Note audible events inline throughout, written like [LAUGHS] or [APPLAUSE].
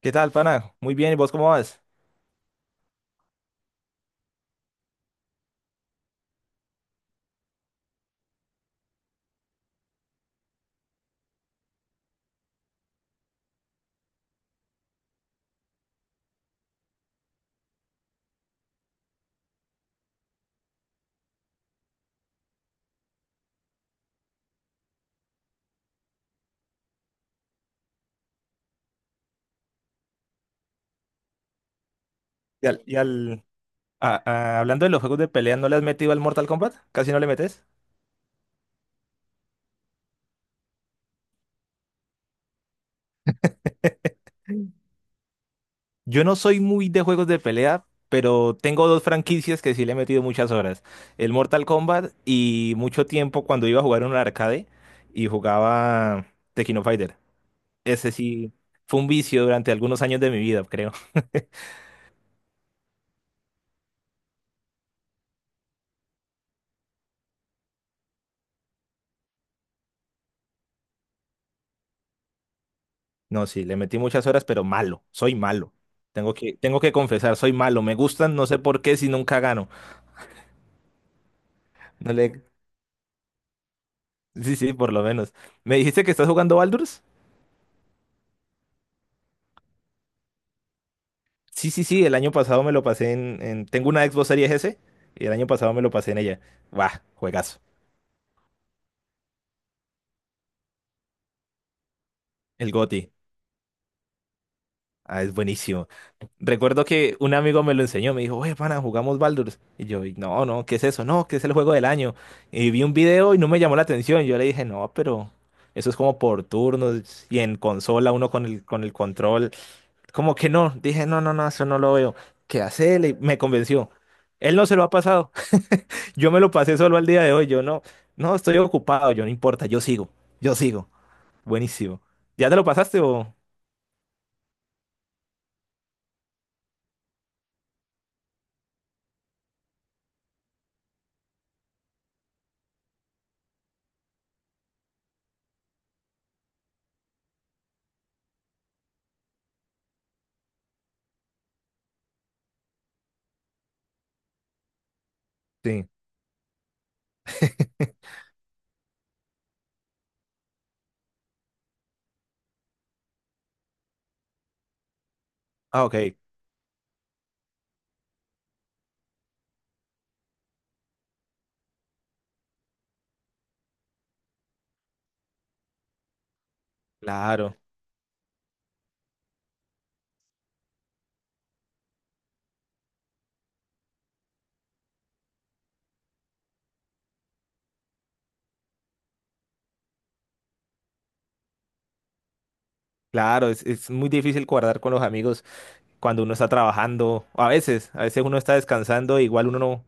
¿Qué tal, pana? Muy bien, ¿y vos cómo vas? Y al, y al- Hablando de los juegos de pelea, ¿no le has metido al Mortal Kombat? ¿Casi no le metes? Mm. Yo no soy muy de juegos de pelea, pero tengo dos franquicias que sí le he metido muchas horas. El Mortal Kombat y mucho tiempo cuando iba a jugar en un arcade y jugaba Tekken Fighter. Ese sí fue un vicio durante algunos años de mi vida, creo. [LAUGHS] No, sí, le metí muchas horas, pero malo, soy malo. Tengo que confesar, soy malo. Me gustan, no sé por qué, si nunca gano. No le, sí, sí, por lo menos. ¿Me dijiste que estás jugando Baldur's? Sí, sí, sí, el año pasado me lo pasé en- tengo una Xbox Series S y el año pasado me lo pasé en ella. Buah, juegazo. El GOTY. Ah, es buenísimo. Recuerdo que un amigo me lo enseñó, me dijo, oye, pana, jugamos Baldur's. Y yo, "Y no, no, ¿qué es eso? No, que es el juego del año". Y vi un video y no me llamó la atención. Yo le dije, no, pero eso es como por turnos y en consola, uno con el control. Como que no, dije, no, no, no, eso no lo veo. ¿Qué hace él? Y me convenció. Él no se lo ha pasado. [LAUGHS] Yo me lo pasé solo al día de hoy. Yo no, no, estoy ocupado. Yo no importa, yo sigo, yo sigo. Buenísimo. ¿Ya te lo pasaste o...? Sí. Ah, ok. Claro, claro. Es muy difícil guardar con los amigos cuando uno está trabajando. O a veces uno está descansando, igual uno no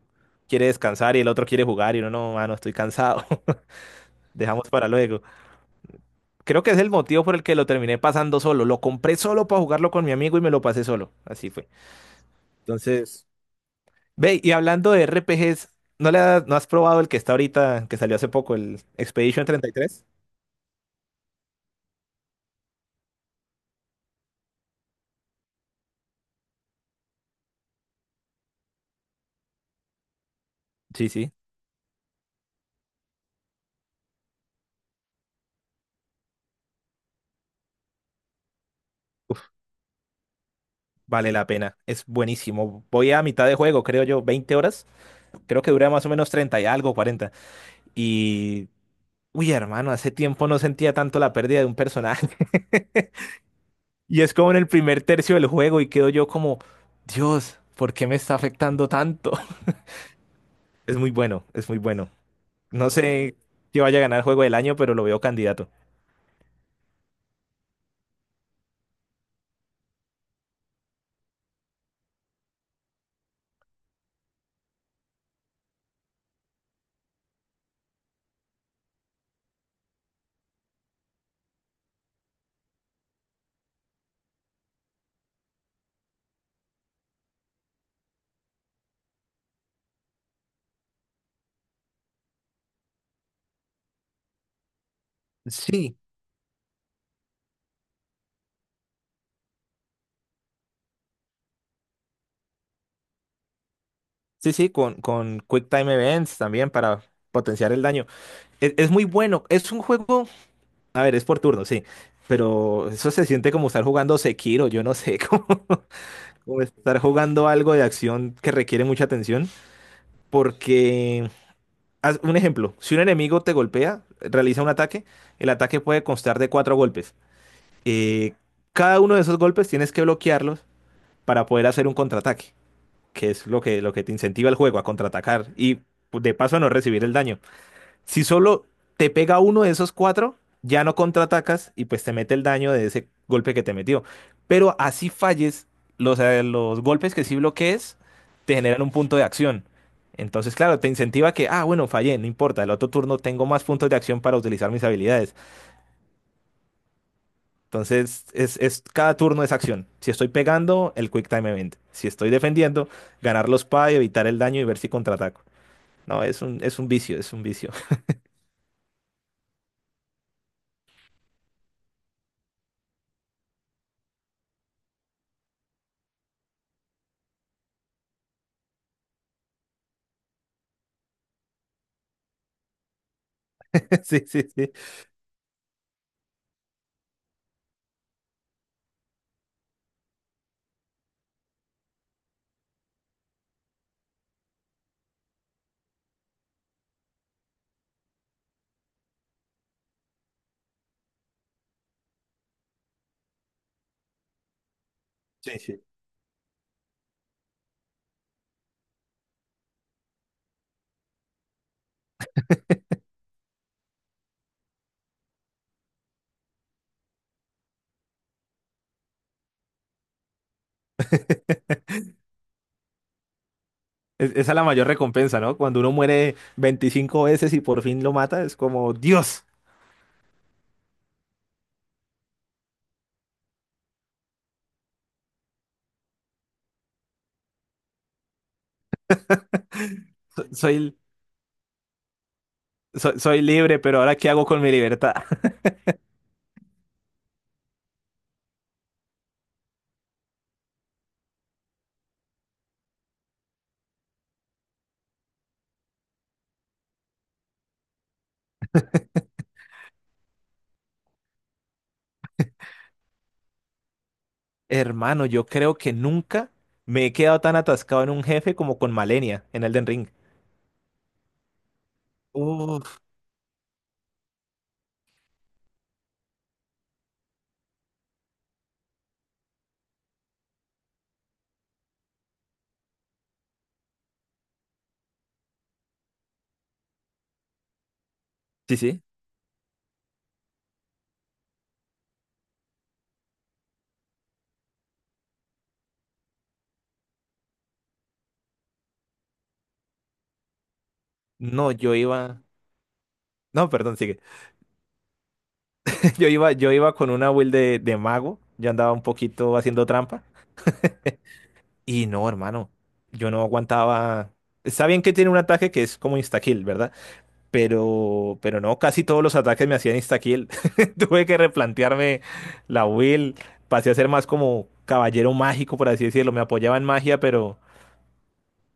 quiere descansar y el otro quiere jugar y uno no, ah, no, estoy cansado. [LAUGHS] Dejamos para luego. Creo que es el motivo por el que lo terminé pasando solo. Lo compré solo para jugarlo con mi amigo y me lo pasé solo. Así fue. Entonces, Ve, y hablando de RPGs, ¿no has probado el que está ahorita, que salió hace poco, el Expedition 33? Sí, sí. Uf, vale la pena. Es buenísimo. Voy a mitad de juego, creo yo, 20 horas. Creo que dura más o menos 30 y algo, 40. Y... Uy, hermano, hace tiempo no sentía tanto la pérdida de un personaje. [LAUGHS] Y es como en el primer tercio del juego y quedo yo como, Dios, ¿por qué me está afectando tanto? Es muy bueno, es muy bueno. No sé si vaya a ganar juego del año, pero lo veo candidato. Sí, sí, sí, con Quick Time Events también para potenciar el daño. Es muy bueno, es un juego, a ver, es por turno, sí, pero eso se siente como estar jugando Sekiro, yo no sé, [LAUGHS] como, como estar jugando algo de acción que requiere mucha atención, porque, haz un ejemplo, si un enemigo te golpea, realiza un ataque, el ataque puede constar de 4 golpes. Eh, cada uno de esos golpes tienes que bloquearlos para poder hacer un contraataque, que es lo que te incentiva el juego a contraatacar y pues, de paso, a no recibir el daño. Si solo te pega uno de esos 4, ya no contraatacas y pues te mete el daño de ese golpe que te metió. Pero así falles, los golpes que sí bloquees te generan un punto de acción. Entonces, claro, te incentiva que, ah, bueno, fallé, no importa, el otro turno tengo más puntos de acción para utilizar mis habilidades. Entonces, cada turno es acción. Si estoy pegando, el Quick Time Event. Si estoy defendiendo, ganar los PA y evitar el daño y ver si contraataco. No, es un vicio, es un vicio. [LAUGHS] Sí, sí, sí. Sí, sí. Es- esa es la mayor recompensa, ¿no? Cuando uno muere 25 veces y por fin lo mata, es como, Dios, so- soy, so- soy libre, pero ahora ¿qué hago con mi libertad? [LAUGHS] Hermano, yo creo que nunca me he quedado tan atascado en un jefe como con Malenia en Elden Ring. Uf, sí, sí. No, yo iba. No, perdón, sigue. [LAUGHS] Yo iba con una build de mago. Yo andaba un poquito haciendo trampa. Y no, hermano. Yo no aguantaba. Está bien que tiene un ataque que es como instakill, ¿verdad? Pero no, casi todos los ataques me hacían instakill. [LAUGHS] Tuve que replantearme la build. Pasé a ser más como caballero mágico, por así decirlo. Me apoyaba en magia, pero.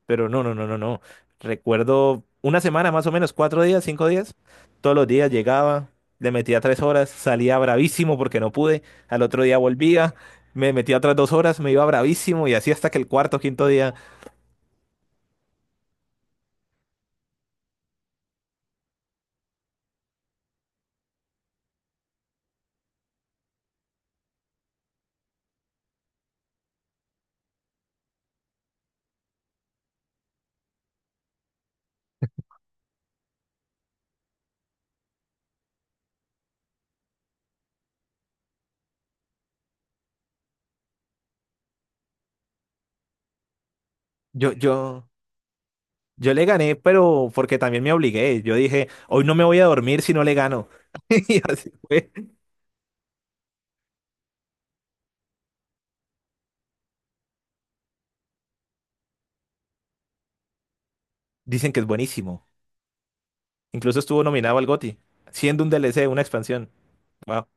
Pero no, no, no, no, no. Recuerdo una semana más o menos, 4 días, 5 días. Todos los días llegaba, le metía 3 horas, salía bravísimo porque no pude. Al otro día volvía, me metía otras 2 horas, me iba bravísimo y así hasta que el cuarto, quinto día. Yo, yo, yo le gané, pero porque también me obligué. Yo dije, hoy no me voy a dormir si no le gano. [LAUGHS] Y así fue. Dicen que es buenísimo. Incluso estuvo nominado al GOTY, siendo un DLC, una expansión. Wow.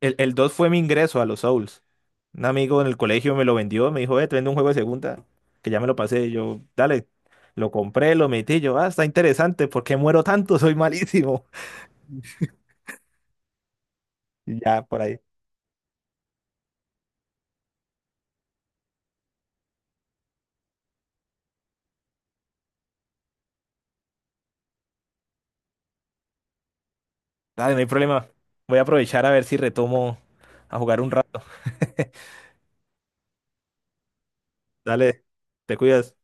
El 2 fue mi ingreso a los Souls. Un amigo en el colegio me lo vendió, me dijo, te vendo un juego de segunda, que ya me lo pasé. Y yo, dale, lo compré, lo metí. Y yo, ah, está interesante, ¿por qué muero tanto? Soy malísimo. [LAUGHS] Y ya, por ahí. Dale, no hay problema. Voy a aprovechar a ver si retomo a jugar un rato. [LAUGHS] Dale, te cuidas.